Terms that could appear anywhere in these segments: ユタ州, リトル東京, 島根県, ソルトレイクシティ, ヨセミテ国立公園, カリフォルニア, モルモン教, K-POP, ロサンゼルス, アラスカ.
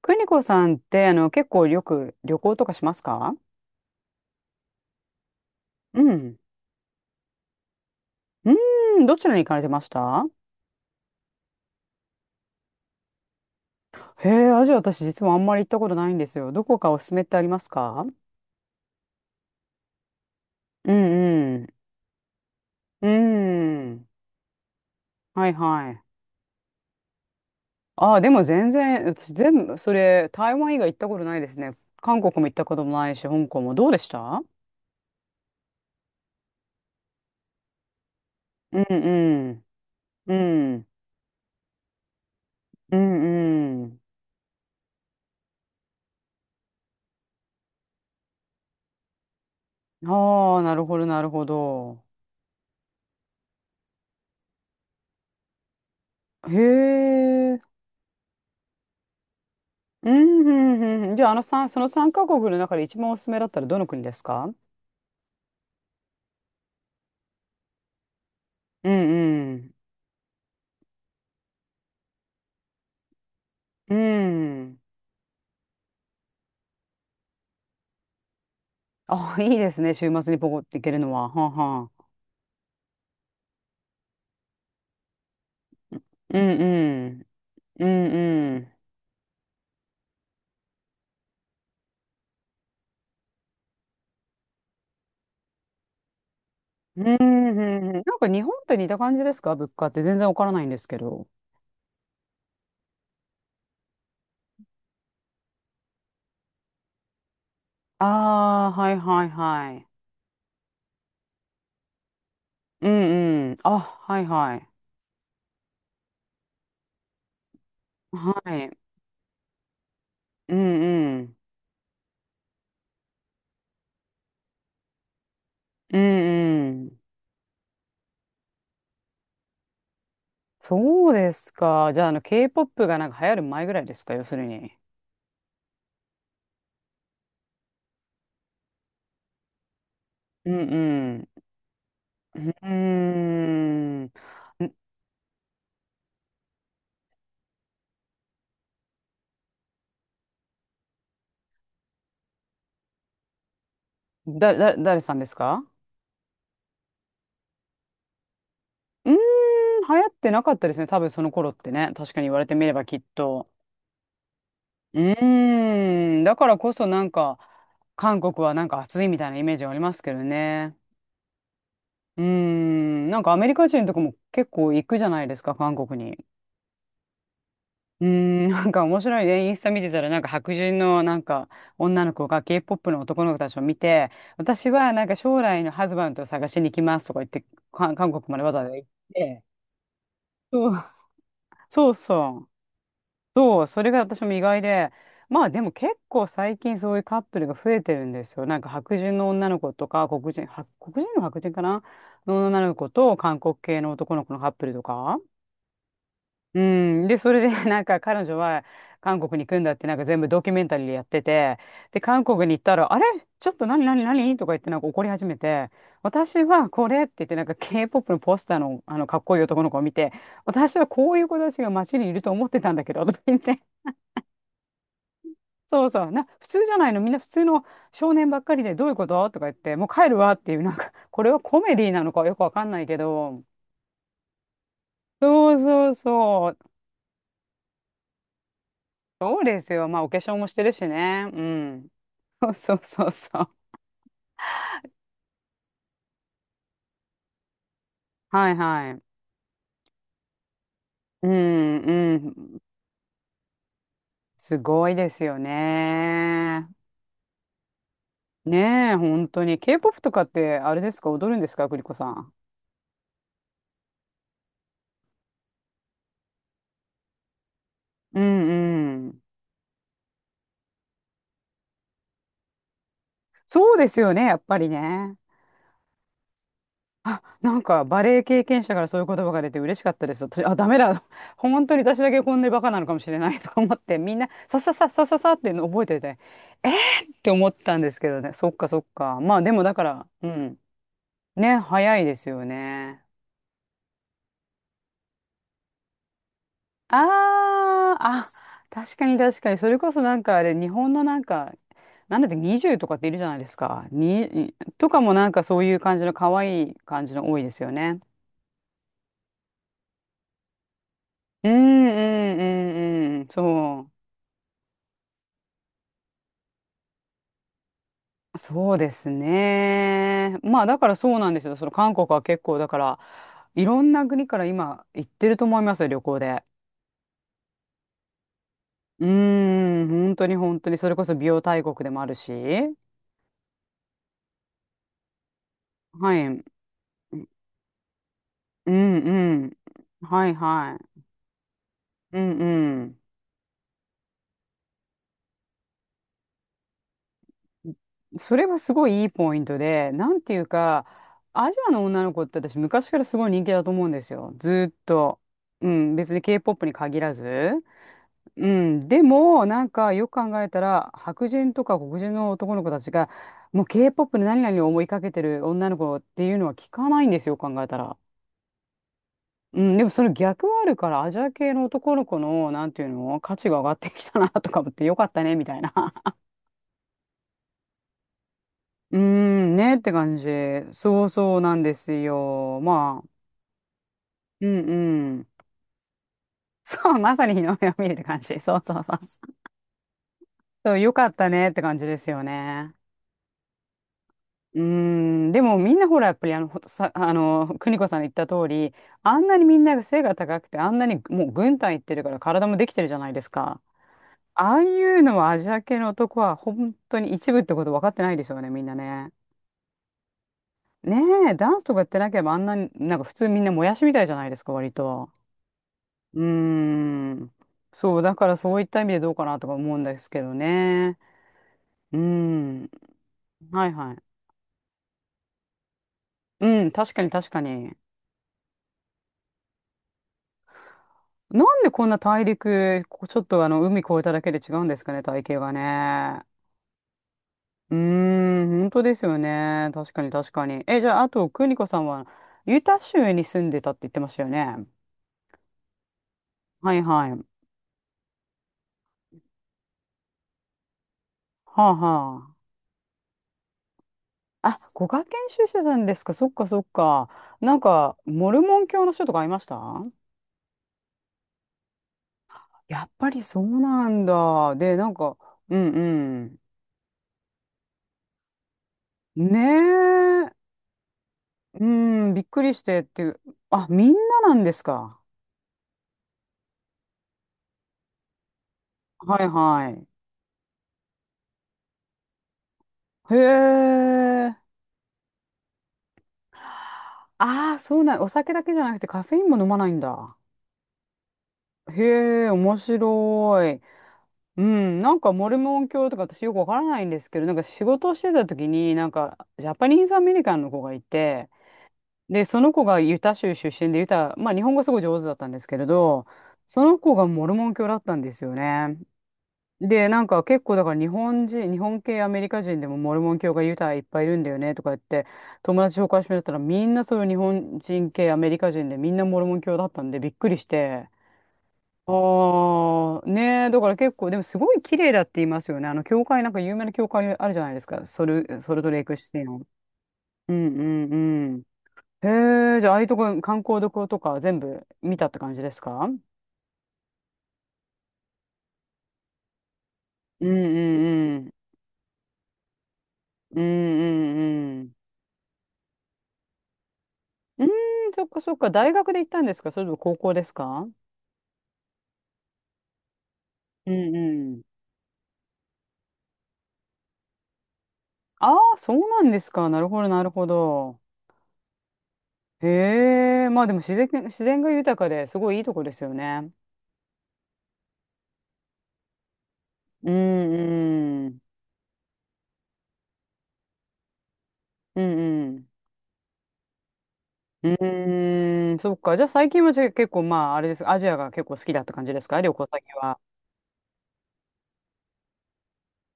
邦子さんって、結構よく旅行とかしますか？うん。うーん、どちらに行かれてました？へえ、アジア私実はあんまり行ったことないんですよ。どこかおすすめってありますか？うんうん。うーん。はいはい。ああ、でも全然、私全部、それ、台湾以外行ったことないですね。韓国も行ったこともないし、香港も。どうでした？うんうん。うん。うんうん。ああ、なるほど、なるほど。へえ。うん、うん、うんうん。じゃあ、あの三その3カ国の中で一番おすすめだったらどの国ですか？うんうん。うん。あ、いいですね。週末にポコって行けるのは。はあはあ。うんうんうん。うんうんうんうん、なんか日本と似た感じですか？物価って全然わからないんですけど。ああ、はいはいはい。うんうん。あ、はいはい。はい。うんうん。うんうん。そうですか。じゃあ、K-POP がなんか流行る前ぐらいですか、要するに？うんうん。うーん。んだ、だ、誰さんですか？うーん、流行ってなかったですね。多分その頃ってね。確かに言われてみればきっと。うーん。だからこそなんか、韓国はなんか暑いみたいなイメージありますけどね。うーん。なんかアメリカ人とかも結構行くじゃないですか、韓国に。うーん、なんか面白いね。インスタ見てたら、なんか白人のなんか女の子が K-POP の男の子たちを見て、私はなんか将来のハズバンドを探しに行きますとか言って、韓国までわざわざ行って、そう、そうそう、そう、それが私も意外で、まあでも結構最近そういうカップルが増えてるんですよ。なんか白人の女の子とか、黒人、は黒人の白人かなの女の子と韓国系の男の子のカップルとか。うん、で、それで なんか彼女は韓国に行くんだってなんか全部ドキュメンタリーでやってて、で、韓国に行ったら、あれちょっと何何何とか言ってなんか怒り始めて、私はこれって言ってなんか K-POP のポスターの、あのかっこいい男の子を見て、私はこういう子たちが街にいると思ってたんだけど、とか言って、そうそう、普通じゃないの、みんな普通の少年ばっかりでどういうこととか言って、もう帰るわっていう、なんか、これはコメディなのかよくわかんないけど、そうそうそう、そうですよ。まあお化粧もしてるしね、うん。そうそうそうそう。はいはい。うんうん。すごいですよね。ねえ、本当に。K-POP とかってあれですか、踊るんですか、栗子さん？うんうん。そうですよね、やっぱりね。なんかバレエ経験者からそういう言葉が出て嬉しかったです。私、あ、ダメだ。本当に私だけこんなにバカなのかもしれない とか思って、みんなささささささっていうの覚えてて、えーって思ったんですけどね。そっかそっか。まあでもだから、うん。ね、早いですよね。ああ、あ、確かに確かに。それこそなんかあれ、日本のなんか、なんだって20とかっているじゃないですか。とかもなんかそういう感じの可愛い感じの多いですよね。うんうんうんうん。そう。そうですね。まあだからそうなんですよ。その韓国は結構だから、いろんな国から今行ってると思いますよ、旅行で。うーん、本当に本当に。それこそ美容大国でもあるし。はい。うんうん。はいはい。うんうん。それはすごいいいポイントで、なんていうか、アジアの女の子って私昔からすごい人気だと思うんですよ。ずーっと。うん、別に K-POP に限らず。うん、でも、なんかよく考えたら、白人とか黒人の男の子たちが、もう K-POP で何々を思いかけてる女の子っていうのは聞かないんですよ、考えたら。うん、でもその逆はあるから、アジア系の男の子の、なんていうの、価値が上がってきたなとか思ってよかったね、みたいな。うーん、ねって感じ。そうそうなんですよ。まあ、うんうん。そう、まさに日の目を見るって感じ。そうそうそう。そう、よかったねって感じですよね。うーん、でもみんなほら、やっぱりほんとさ、邦子さんの言った通り、あんなにみんなが背が高くて、あんなにもう軍隊行ってるから体もできてるじゃないですか。ああいうのはアジア系の男は本当に一部ってこと分かってないですよね、みんなね。ねえ、ダンスとかやってなければあんなに、なんか普通みんなもやしみたいじゃないですか、割と。うーん。そう、だからそういった意味でどうかなとか思うんですけどね。うーん。はいはい。うん、確かに確かに。なんでこんな大陸、ちょっと海越えただけで違うんですかね、体型がね。うーん、本当ですよね。確かに確かに。え、じゃあ、あと、邦子さんは、ユタ州に住んでたって言ってましたよね。はいはい。はあはあ。あ、ご学研修してたんですか。そっかそっか。なんか、モルモン教の人とかいました？やっぱりそうなんだ。で、なんか、うんうん。ねえ。うん、びっくりしてっていう。あ、みんななんですか？はいはい。へえ。ああ、そうなん。お酒だけじゃなくてカフェインも飲まないんだ。へえ、面白い。うん、なんかモルモン教とか私よくわからないんですけど、なんか仕事をしてた時に、なんかジャパニーズアメリカンの子がいて、で、その子がユタ州出身で、ユタ、まあ日本語すごい上手だったんですけれど、その子がモルモン教だったんですよね。で、なんか結構だから日本人、日本系アメリカ人でもモルモン教がユタいっぱいいるんだよねとか言って、友達紹介してもらったらみんなそういう日本人系アメリカ人でみんなモルモン教だったんでびっくりして。ああ、ねえ、だから結構、でもすごい綺麗だって言いますよね。教会、なんか有名な教会あるじゃないですか。ソルトレイクシティの。うんうんうん。へえ、じゃあ、ああいうとこ、観光どことか全部見たって感じですか？うんうんうん。うんうんうん。うーん、そっかそっか。大学で行ったんですか？それとも高校ですか？うんうん。ああ、そうなんですか。なるほど、なるほど。へえ、まあでも自然、自然が豊かですごいいいとこですよね。うんうん。うんうん。うーん、そっか。じゃあ最近は、じゃあ結構、まあ、あれです。アジアが結構好きだった感じですか？旅行先は。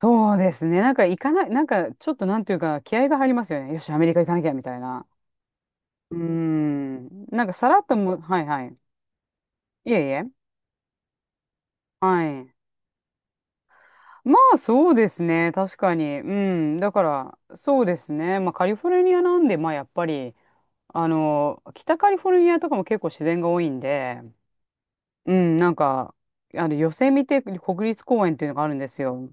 そうですね。なんか行かない、なんかちょっとなんていうか気合が入りますよね。よし、アメリカ行かなきゃみたいな。うーん。なんかさらっとも、はいはい。いえいえ。はい。まあそうですね。確かに。うん。だから、そうですね。まあカリフォルニアなんで、まあやっぱり、北カリフォルニアとかも結構自然が多いんで、うん、なんか、ヨセミテ国立公園っていうのがあるんですよ。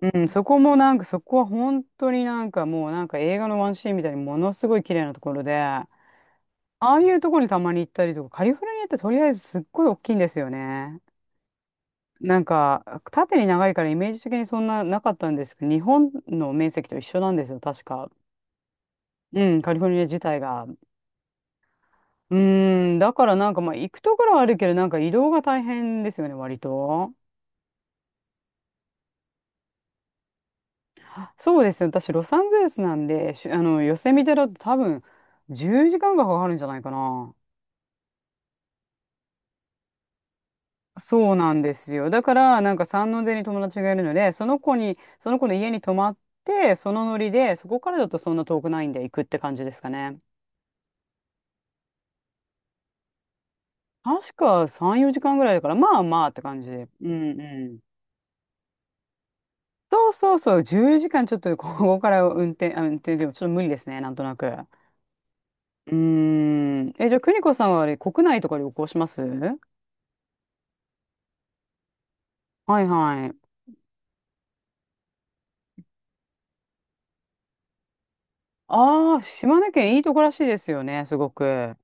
うん、そこもなんか、そこは本当になんかもうなんか映画のワンシーンみたいにものすごい綺麗なところで、ああいうとこにたまに行ったりとか、カリフォルニアってとりあえずすっごい大きいんですよね。なんか、縦に長いからイメージ的にそんななかったんですけど、日本の面積と一緒なんですよ、確か。うん、カリフォルニア自体が。うーん、だからなんかまあ行くところはあるけど、なんか移動が大変ですよね、割と。あ、そうですね、私ロサンゼルスなんで、しあの、ヨセミテだと多分10時間がかかるんじゃないかな。そうなんですよ。だから、なんか山王寺に友達がいるので、その子に、その子の家に泊まって、そのノリで、そこからだとそんな遠くないんで行くって感じですかね。確か3、4時間ぐらいだから、まあまあって感じで。うんうん。そうそうそう、10時間ちょっと ここから運転、運転でもちょっと無理ですね、なんとなく。うーん。え、じゃあ、邦子さんはあれ、国内とか旅行します？はいはい。ああ、島根県いいとこらしいですよね、すごく。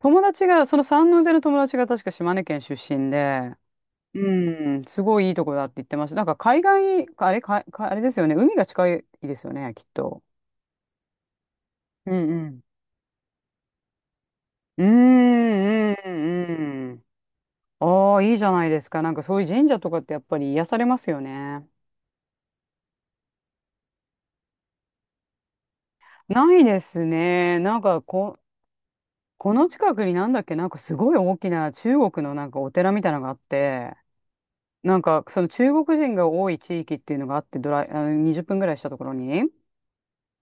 友達が、その三ノ瀬の友達が確か島根県出身で、うん、すごいいいとこだって言ってました。なんか海外、あれ、かあれですよね。海が近いですよね、きっと。うんうん。うーん、うん、うん。ああ、いいじゃないですか。なんかそういう神社とかってやっぱり癒されますよね。ないですね。この近くになんだっけ、なんかすごい大きな中国のなんかお寺みたいなのがあって、なんかその中国人が多い地域っていうのがあって、ドライ、あの20分ぐらいしたところに。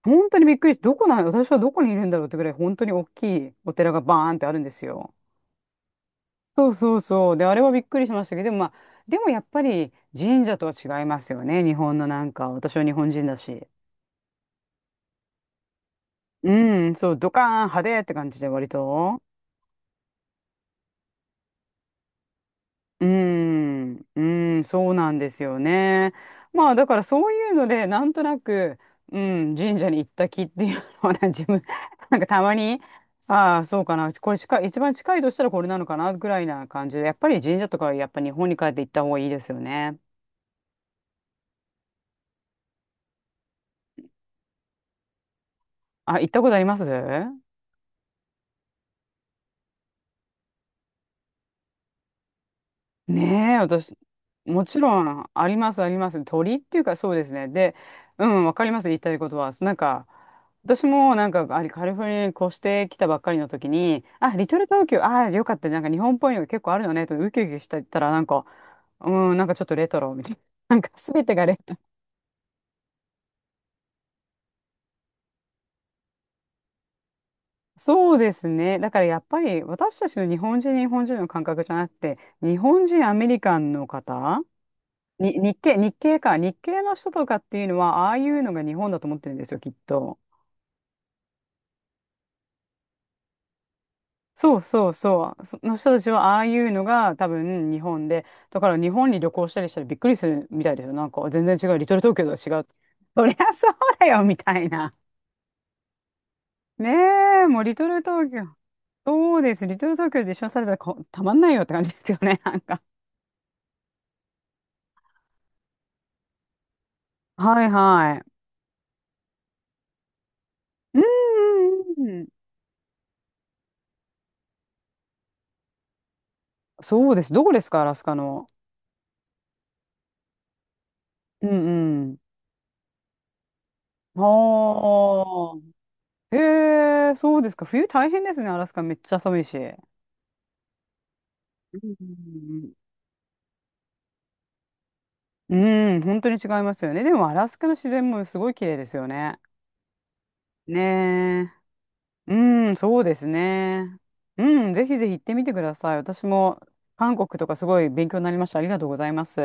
本当にびっくりして、どこなん、私はどこにいるんだろうってぐらい、本当に大きいお寺がバーンってあるんですよ。そうそうそう。で、あれはびっくりしましたけど、でもまあ、でもやっぱり神社とは違いますよね。日本のなんか、私は日本人だし。うん、そう、ドカーン派手って感じで割と。うーん、うーん、そうなんですよね。まあだからそういうのでなんとなく、うん、神社に行った気っていうのはね 自分なんかたまに、ああそうかな、これ近い、一番近いとしたらこれなのかなぐらいな感じで、やっぱり神社とかはやっぱ日本に帰って行った方がいいですよね。あ、行ったことあります？ねえ、私、もちろん、あります、あります。鳥っていうか、そうですね。で、うん、わかります、言いたいことは。なんか、私も、なんか、あれ、カリフォルニアに越してきたばっかりの時に、あ、リトル東京、ああ、よかった、なんか日本っぽいのが結構あるよね、と、ウキウキしてたら、なんか、うん、なんかちょっとレトロみたいな。なんか、すべてがレトロ。そうですね。だからやっぱり私たちの日本人、日本人の感覚じゃなくて、日本人、アメリカンの方に、日系、日系か。日系の人とかっていうのは、ああいうのが日本だと思ってるんですよ、きっと。そうそうそう。その人たちは、ああいうのが多分日本で、だから日本に旅行したりしたらびっくりするみたいですよ。なんか、全然違う。リトル東京とは違う。そりゃそうだよ、みたいな。ねえ、もうリトル東京。そうです。リトル東京で一緒にされたらこたまんないよって感じですよね、なんか。はいはい。うんうんうん。そうです。どこですか、アラスカの？うんうん。はあ。へえ、そうですか。冬大変ですね、アラスカめっちゃ寒いし。うんうん、本当に違いますよね。でも、アラスカの自然もすごい綺麗ですよね。ねえ。うん、そうですね。うん、ぜひぜひ行ってみてください。私も韓国とかすごい勉強になりました。ありがとうございます。